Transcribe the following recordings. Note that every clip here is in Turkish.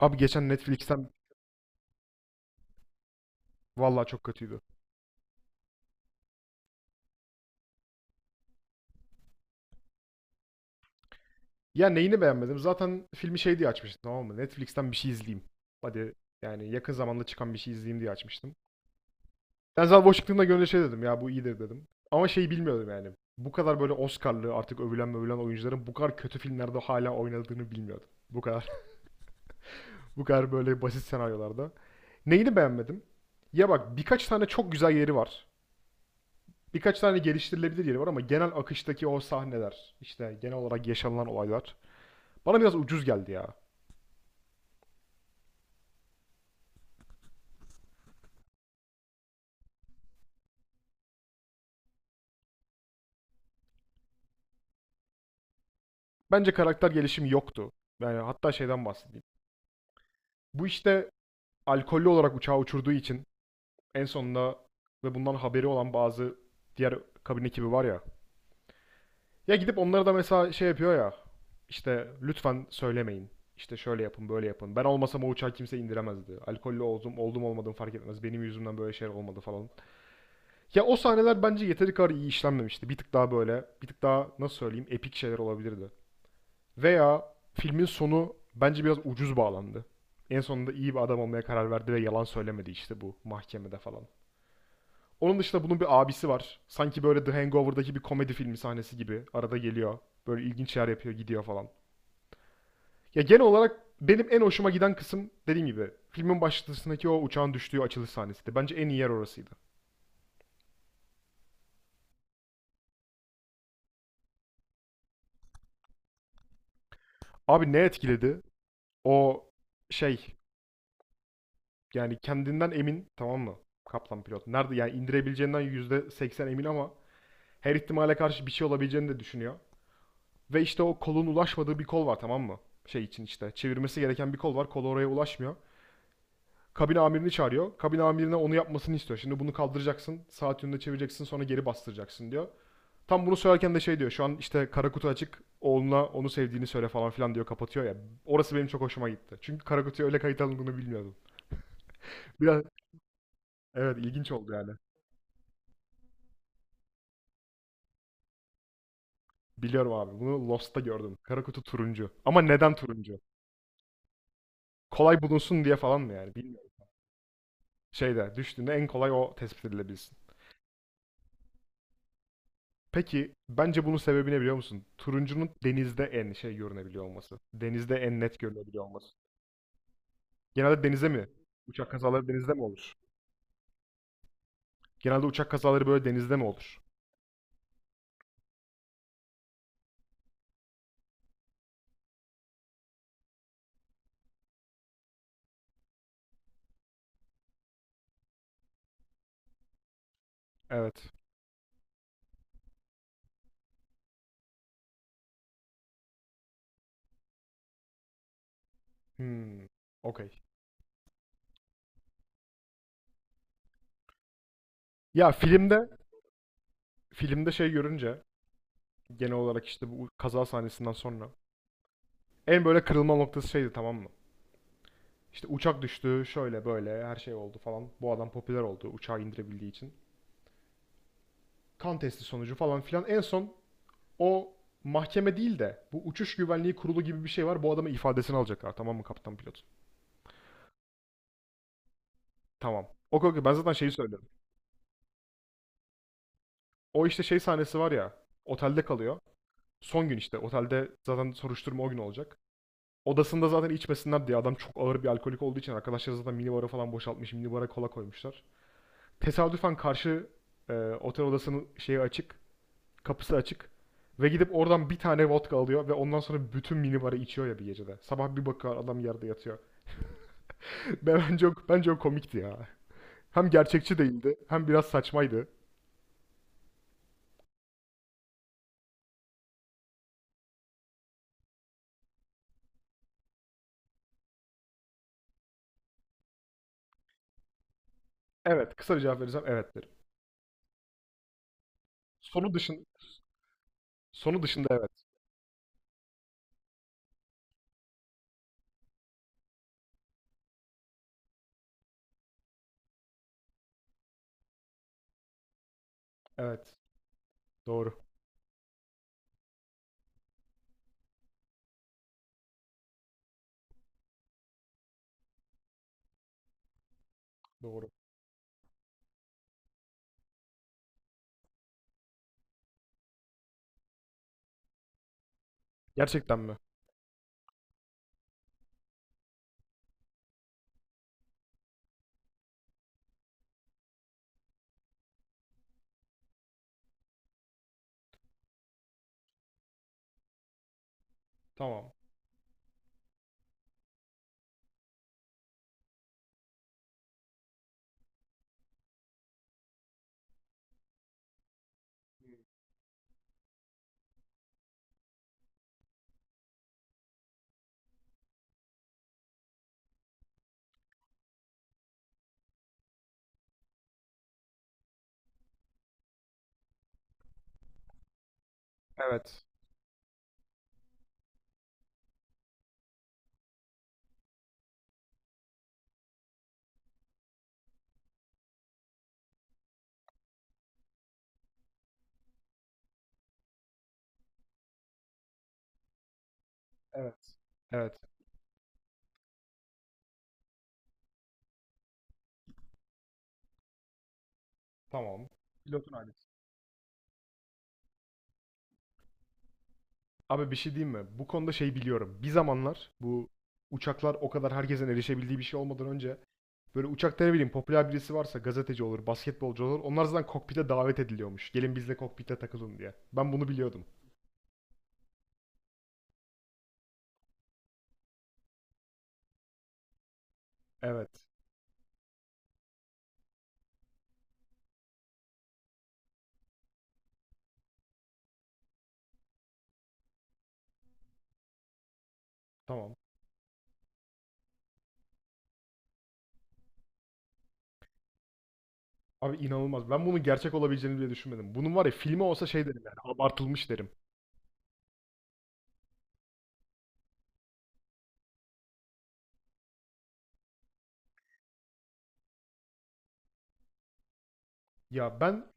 Abi geçen Netflix'ten vallahi çok kötüydü. Ya neyini beğenmedim? Zaten filmi şey diye açmıştım, tamam mı? Netflix'ten bir şey izleyeyim. Hadi yani yakın zamanda çıkan bir şey izleyeyim diye açmıştım. Denzel Washington'la görünce şey dedim ya, bu iyidir dedim. Ama şeyi bilmiyordum yani. Bu kadar böyle Oscar'lı artık övülen mövülen oyuncuların bu kadar kötü filmlerde hala oynadığını bilmiyordum. Bu kadar bu kadar böyle basit senaryolarda. Neyini beğenmedim? Ya bak, birkaç tane çok güzel yeri var. Birkaç tane geliştirilebilir yeri var ama genel akıştaki o sahneler, işte genel olarak yaşanılan olaylar bana biraz ucuz geldi ya. Bence karakter gelişimi yoktu. Yani hatta şeyden bahsedeyim. Bu işte alkollü olarak uçağı uçurduğu için en sonunda ve bundan haberi olan bazı diğer kabin ekibi var ya. Ya gidip onlara da mesela şey yapıyor ya. İşte lütfen söylemeyin. İşte şöyle yapın, böyle yapın. Ben olmasam o uçağı kimse indiremezdi. Alkollü oldum, oldum olmadım fark etmez. Benim yüzümden böyle şeyler olmadı falan. Ya o sahneler bence yeteri kadar iyi işlenmemişti. Bir tık daha böyle, bir tık daha nasıl söyleyeyim, epik şeyler olabilirdi. Veya filmin sonu bence biraz ucuz bağlandı. En sonunda iyi bir adam olmaya karar verdi ve yalan söylemedi işte bu mahkemede falan. Onun dışında bunun bir abisi var. Sanki böyle The Hangover'daki bir komedi filmi sahnesi gibi. Arada geliyor. Böyle ilginç şeyler yapıyor, gidiyor falan. Ya genel olarak benim en hoşuma giden kısım, dediğim gibi, filmin başlangıcındaki o uçağın düştüğü açılış sahnesiydi. Bence en iyi yer orasıydı. Abi ne etkiledi? O şey, yani kendinden emin, tamam mı? Kaplan pilot. Nerede yani indirebileceğinden %80 emin ama her ihtimale karşı bir şey olabileceğini de düşünüyor. Ve işte o kolun ulaşmadığı bir kol var, tamam mı? Şey için işte çevirmesi gereken bir kol var. Kol oraya ulaşmıyor. Kabin amirini çağırıyor. Kabin amirine onu yapmasını istiyor. Şimdi bunu kaldıracaksın. Saat yönünde çevireceksin, sonra geri bastıracaksın diyor. Tam bunu söylerken de şey diyor. Şu an işte kara kutu açık. Oğluna onu sevdiğini söyle falan filan diyor. Kapatıyor ya. Orası benim çok hoşuma gitti. Çünkü kara kutuya öyle kayıt alındığını bilmiyordum. Biraz, evet, ilginç oldu yani. Biliyorum abi. Bunu Lost'ta gördüm. Kara kutu turuncu. Ama neden turuncu? Kolay bulunsun diye falan mı yani? Bilmiyorum. Şeyde düştüğünde en kolay o tespit edilebilsin. Peki bence bunun sebebi ne biliyor musun? Turuncunun denizde en şey görünebiliyor olması. Denizde en net görünebiliyor olması. Genelde denize mi? Uçak kazaları denizde mi olur? Genelde uçak kazaları böyle denizde mi olur? Evet. Hmm. Okey. Ya filmde şey görünce, genel olarak işte bu kaza sahnesinden sonra, en böyle kırılma noktası şeydi, tamam mı? İşte uçak düştü, şöyle böyle her şey oldu falan. Bu adam popüler oldu uçağı indirebildiği için. Kan testi sonucu falan filan. En son o mahkeme değil de bu uçuş güvenliği kurulu gibi bir şey var. Bu adamın ifadesini alacaklar, tamam mı, kaptan pilot? Tamam. Okey, okey, ben zaten şeyi söylüyorum. O işte şey sahnesi var ya, otelde kalıyor. Son gün işte otelde zaten soruşturma o gün olacak. Odasında zaten içmesinler diye, adam çok ağır bir alkolik olduğu için arkadaşlar zaten minibara falan boşaltmış. Minibara kola koymuşlar. Tesadüfen karşı e, otel odasının şeyi açık. Kapısı açık. Ve gidip oradan bir tane vodka alıyor ve ondan sonra bütün minibarı içiyor ya bir gecede. Sabah bir bakıyor, adam yerde yatıyor. Bence o komikti ya. Hem gerçekçi değildi, hem biraz saçmaydı. Evet, kısa bir cevap verirsem evet derim. Sonu dışın, sonu dışında evet. Evet, doğru, doğru. Gerçekten mi? Tamam. Evet, evet, evet, tamam. Pilotun ailesi. Abi bir şey diyeyim mi? Bu konuda şey biliyorum. Bir zamanlar, bu uçaklar o kadar herkesin erişebildiği bir şey olmadan önce, böyle uçakta ne bileyim popüler birisi varsa, gazeteci olur, basketbolcu olur, onlar zaten kokpite davet ediliyormuş. Gelin bizle kokpite takılın diye. Ben bunu biliyordum. Evet. Tamam. Abi inanılmaz. Ben bunun gerçek olabileceğini bile düşünmedim. Bunun var ya filmi olsa şey derim yani, abartılmış derim. Ya ben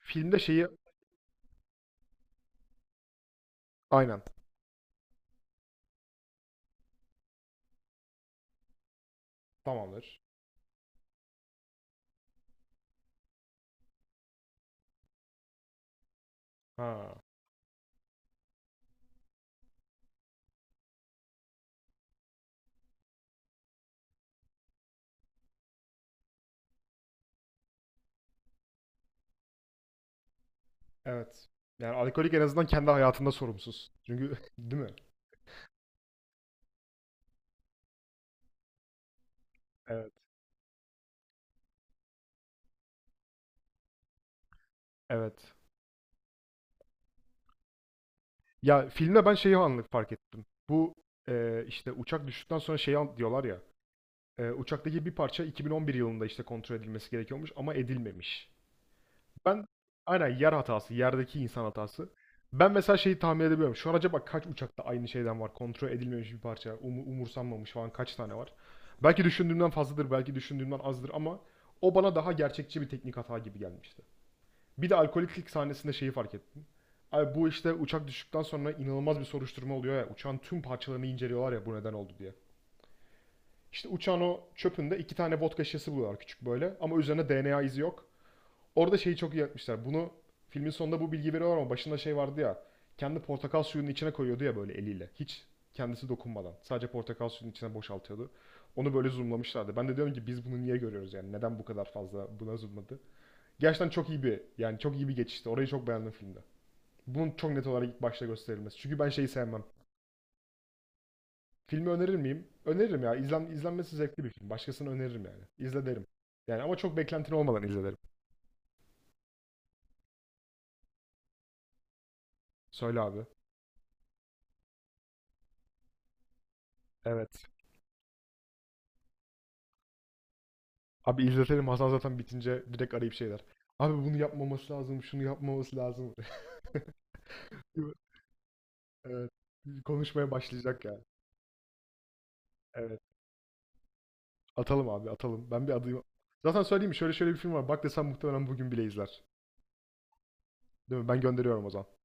filmde şeyi aynen tamamdır. Ha, evet. Yani alkolik en azından kendi hayatında sorumsuz. Çünkü değil mi? Evet. Evet. Ya filmde ben şeyi anlık fark ettim. Bu işte uçak düştükten sonra şeyi diyorlar ya. Uçaktaki bir parça 2011 yılında işte kontrol edilmesi gerekiyormuş ama edilmemiş. Ben, aynen, yer hatası, yerdeki insan hatası. Ben mesela şeyi tahmin edebiliyorum. Şu an acaba kaç uçakta aynı şeyden var? Kontrol edilmemiş bir parça, umursanmamış falan, kaç tane var? Belki düşündüğümden fazladır, belki düşündüğümden azdır ama o bana daha gerçekçi bir teknik hata gibi gelmişti. Bir de alkoliklik sahnesinde şeyi fark ettim. Abi bu işte uçak düştükten sonra inanılmaz bir soruşturma oluyor ya. Uçağın tüm parçalarını inceliyorlar ya, bu neden oldu diye. İşte uçağın o çöpünde iki tane vodka şişesi buluyorlar, küçük böyle, ama üzerine DNA izi yok. Orada şeyi çok iyi yapmışlar. Bunu filmin sonunda bu bilgi veriyor ama başında şey vardı ya. Kendi portakal suyunun içine koyuyordu ya böyle eliyle. Hiç kendisi dokunmadan. Sadece portakal suyunun içine boşaltıyordu. Onu böyle zoomlamışlardı. Ben de diyorum ki biz bunu niye görüyoruz yani? Neden bu kadar fazla buna zoomladı? Gerçekten çok iyi bir, yani çok iyi bir geçişti. Orayı çok beğendim filmde. Bunun çok net olarak ilk başta gösterilmesi. Çünkü ben şeyi sevmem. Filmi önerir miyim? Öneririm ya. İzlenmesi zevkli bir film. Başkasına öneririm yani. İzle derim. Yani ama çok beklentin olmadan izle derim. Söyle abi. Evet. Abi izletelim, Hasan zaten bitince direkt arayıp şeyler. Abi bunu yapmaması lazım, şunu yapmaması lazım. Evet. Konuşmaya başlayacak yani. Evet. Atalım abi, atalım. Ben bir adayım. Zaten söyleyeyim mi? Şöyle şöyle bir film var, bak desem muhtemelen bugün bile izler. Değil mi? Ben gönderiyorum o zaman.